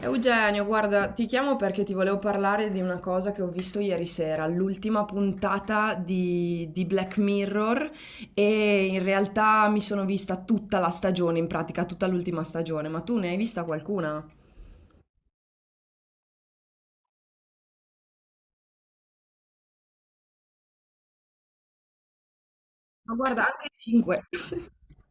Eugenio, guarda, ti chiamo perché ti volevo parlare di una cosa che ho visto ieri sera, l'ultima puntata di Black Mirror e in realtà mi sono vista tutta la stagione, in pratica tutta l'ultima stagione, ma tu ne hai vista qualcuna? Ma guarda, anche 5.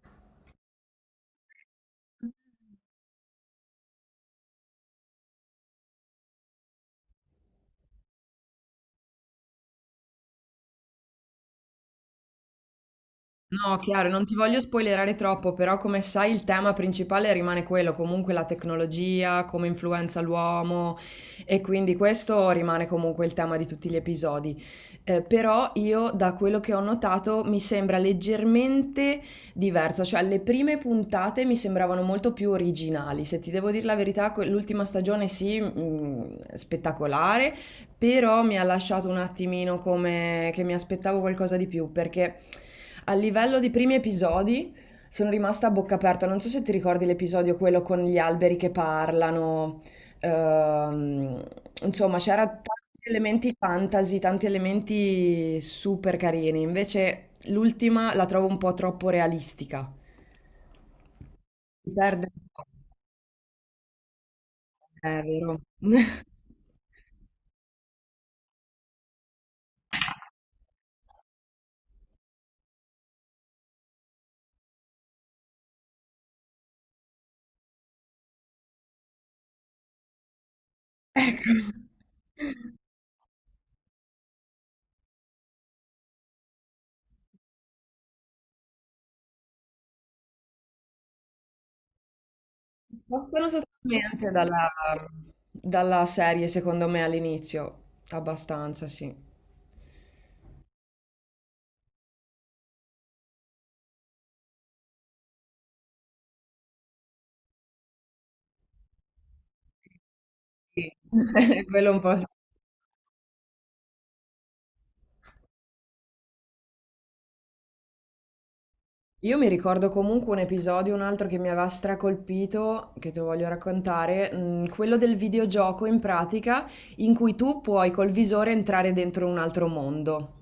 No, chiaro, non ti voglio spoilerare troppo, però come sai il tema principale rimane quello, comunque la tecnologia, come influenza l'uomo e quindi questo rimane comunque il tema di tutti gli episodi. Però io da quello che ho notato mi sembra leggermente diversa, cioè le prime puntate mi sembravano molto più originali, se ti devo dire la verità, l'ultima stagione sì, spettacolare, però mi ha lasciato un attimino come che mi aspettavo qualcosa di più, perché a livello di primi episodi sono rimasta a bocca aperta. Non so se ti ricordi l'episodio quello con gli alberi che parlano. ehm, insomma, c'era tanti elementi fantasy, tanti elementi super carini. Invece l'ultima la trovo un po' troppo realistica. Si perde un po', è vero. Ecco. Spostano sostanzialmente dalla, dalla serie, secondo me, all'inizio, abbastanza, sì. Sì. Quello un po' sì. Io mi ricordo comunque un episodio, un altro che mi aveva stracolpito, che te lo voglio raccontare, quello del videogioco in pratica in cui tu puoi col visore entrare dentro un altro mondo.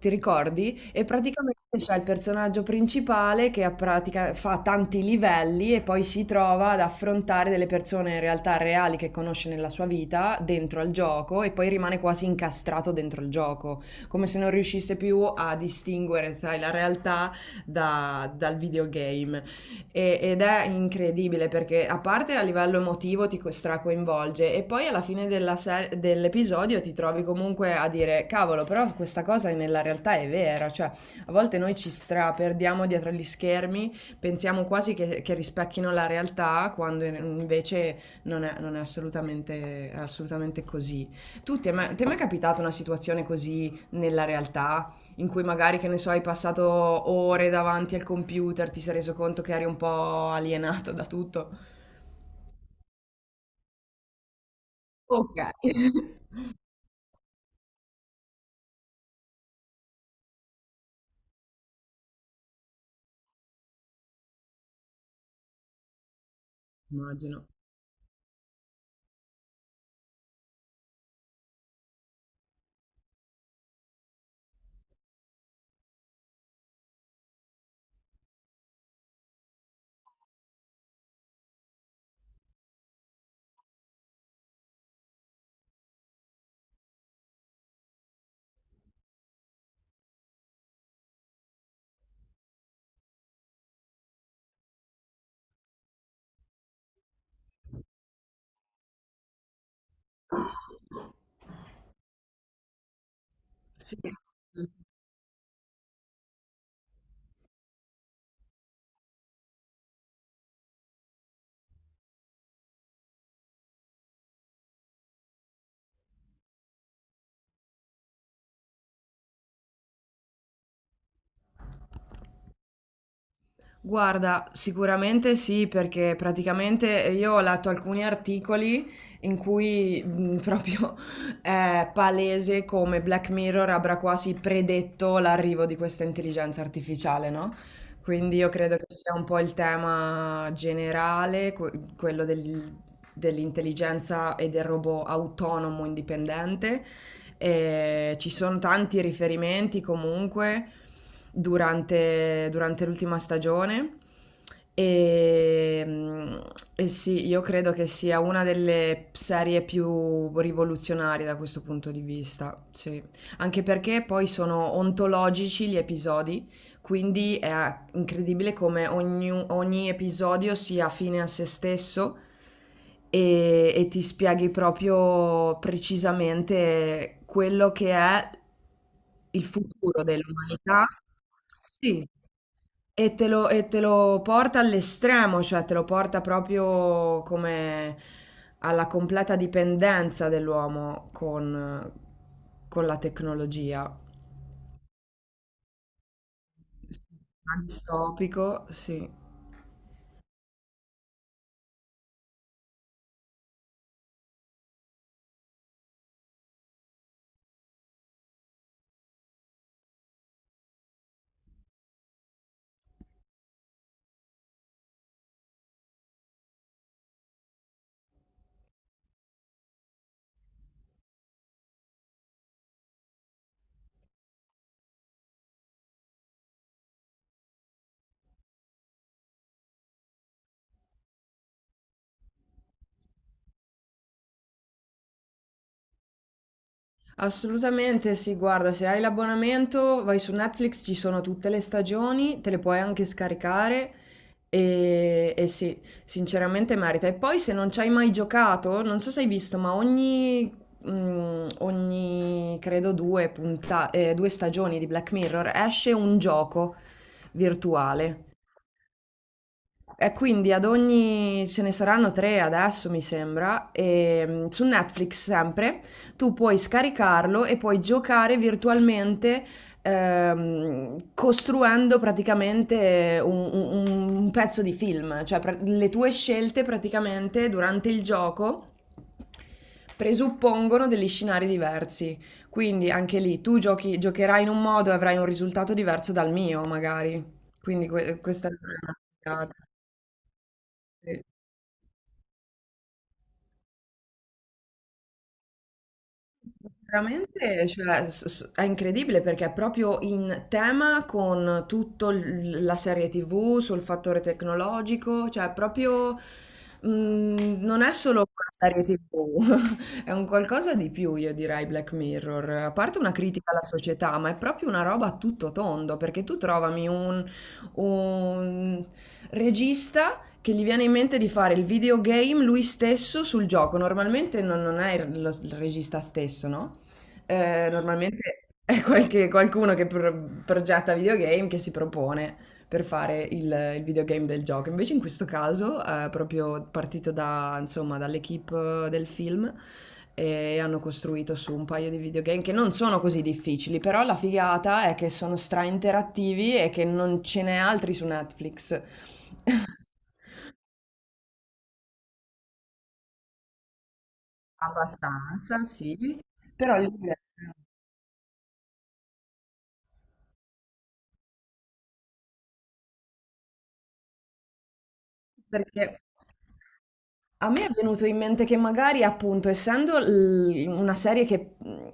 Ti ricordi? E praticamente c'è il personaggio principale che a pratica fa tanti livelli e poi si trova ad affrontare delle persone in realtà reali che conosce nella sua vita dentro al gioco e poi rimane quasi incastrato dentro il gioco, come se non riuscisse più a distinguere, sai, la realtà dal videogame. Ed è incredibile perché a parte a livello emotivo ti stracoinvolge e poi alla fine della dell'episodio ti trovi comunque a dire cavolo, però questa cosa nella realtà è vera, cioè a volte noi ci straperdiamo dietro gli schermi, pensiamo quasi che rispecchino la realtà quando invece non è assolutamente, è assolutamente così. Tu, ti è mai capitata una situazione così nella realtà in cui magari, che ne so, hai passato ore davanti al computer, ti sei reso conto che eri un po' alienato da tutto. Ok. Immagino. Sì. Guarda, sicuramente sì, perché praticamente io ho letto alcuni articoli in cui proprio è palese come Black Mirror avrà quasi predetto l'arrivo di questa intelligenza artificiale, no? Quindi io credo che sia un po' il tema generale, quello dell'intelligenza e del robot autonomo indipendente e ci sono tanti riferimenti comunque durante l'ultima stagione. E, e sì, io credo che sia una delle serie più rivoluzionarie da questo punto di vista, sì. Anche perché poi sono ontologici gli episodi, quindi è incredibile come ogni episodio sia fine a se stesso e ti spieghi proprio precisamente quello che è il futuro dell'umanità. Sì. E te lo porta all'estremo, cioè te lo porta proprio come alla completa dipendenza dell'uomo con la tecnologia. Distopico, sì. Assolutamente sì, guarda, se hai l'abbonamento vai su Netflix, ci sono tutte le stagioni, te le puoi anche scaricare e sì, sinceramente merita. E poi se non ci hai mai giocato, non so se hai visto, ma ogni credo due stagioni di Black Mirror esce un gioco virtuale. E quindi ad ogni, ce ne saranno tre adesso mi sembra, e su Netflix sempre, tu puoi scaricarlo e puoi giocare virtualmente costruendo praticamente un pezzo di film, cioè le tue scelte praticamente durante il gioco presuppongono degli scenari diversi, quindi anche lì tu giochi, giocherai in un modo e avrai un risultato diverso dal mio magari, quindi questa è una... Sì. Veramente, cioè, è incredibile perché è proprio in tema con tutta la serie TV sul fattore tecnologico, cioè è proprio non è solo una serie TV, è un qualcosa di più, io direi, Black Mirror. A parte una critica alla società, ma è proprio una roba a tutto tondo, perché tu trovami un regista che gli viene in mente di fare il videogame lui stesso sul gioco. Normalmente non è il regista stesso, no? Normalmente è qualcuno che progetta videogame che si propone per fare il videogame del gioco. Invece in questo caso è proprio partito da, insomma, dall'equipe del film e hanno costruito su un paio di videogame che non sono così difficili, però la figata è che sono stra interattivi e che non ce n'è altri su Netflix. Abbastanza, sì, però lì perché a me è venuto in mente che magari, appunto, essendo una serie che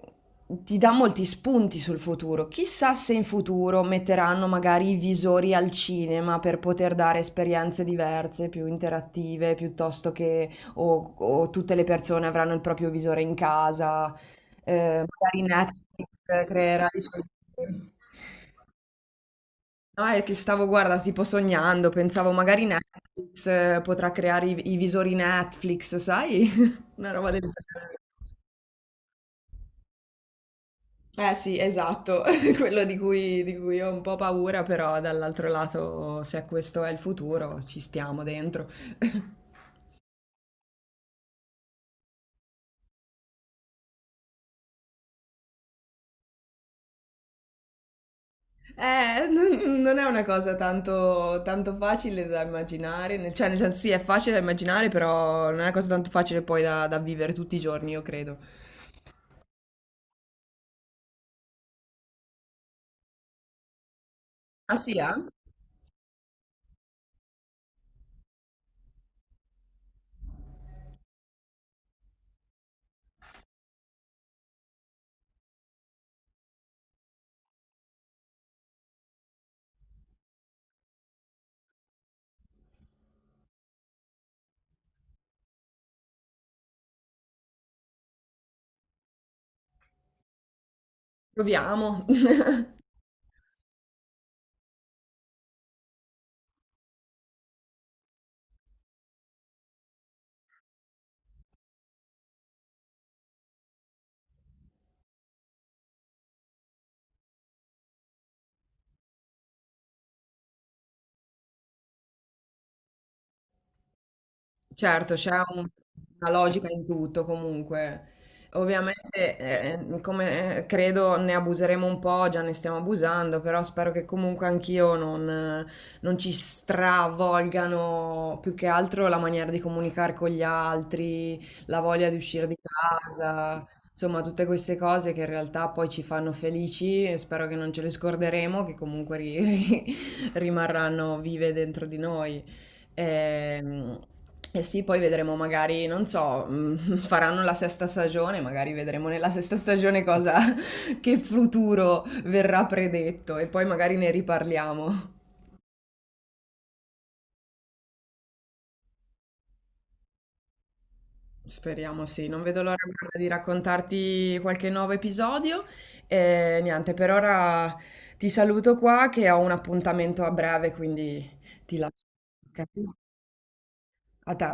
ti dà molti spunti sul futuro, chissà se in futuro metteranno magari i visori al cinema per poter dare esperienze diverse, più interattive, piuttosto che o tutte le persone avranno il proprio visore in casa, magari Netflix creerà i suoi visori. No, è che stavo, guarda, tipo sognando, pensavo magari Netflix potrà creare i visori Netflix, sai? Una roba del genere. Eh sì, esatto, quello di cui ho un po' paura, però dall'altro lato, se questo è il futuro, ci stiamo dentro. Non è una cosa tanto facile da immaginare, cioè nel senso sì, è facile da immaginare, però non è una cosa tanto facile poi da vivere tutti i giorni, io credo. Ah sì, eh? Proviamo. Certo, una logica in tutto comunque. Ovviamente, come credo, ne abuseremo un po', già ne stiamo abusando, però spero che comunque anch'io non, non ci stravolgano più che altro la maniera di comunicare con gli altri, la voglia di uscire di casa, insomma, tutte queste cose che in realtà poi ci fanno felici e spero che non ce le scorderemo, che comunque ri- rimarranno vive dentro di noi. Ehm, sì, poi vedremo magari, non so, faranno la sesta stagione, magari vedremo nella sesta stagione cosa, che futuro verrà predetto e poi magari ne riparliamo. Speriamo sì, non vedo l'ora guarda, di raccontarti qualche nuovo episodio. E niente, per ora ti saluto qua che ho un appuntamento a breve, quindi ti lascio. Ok? A te.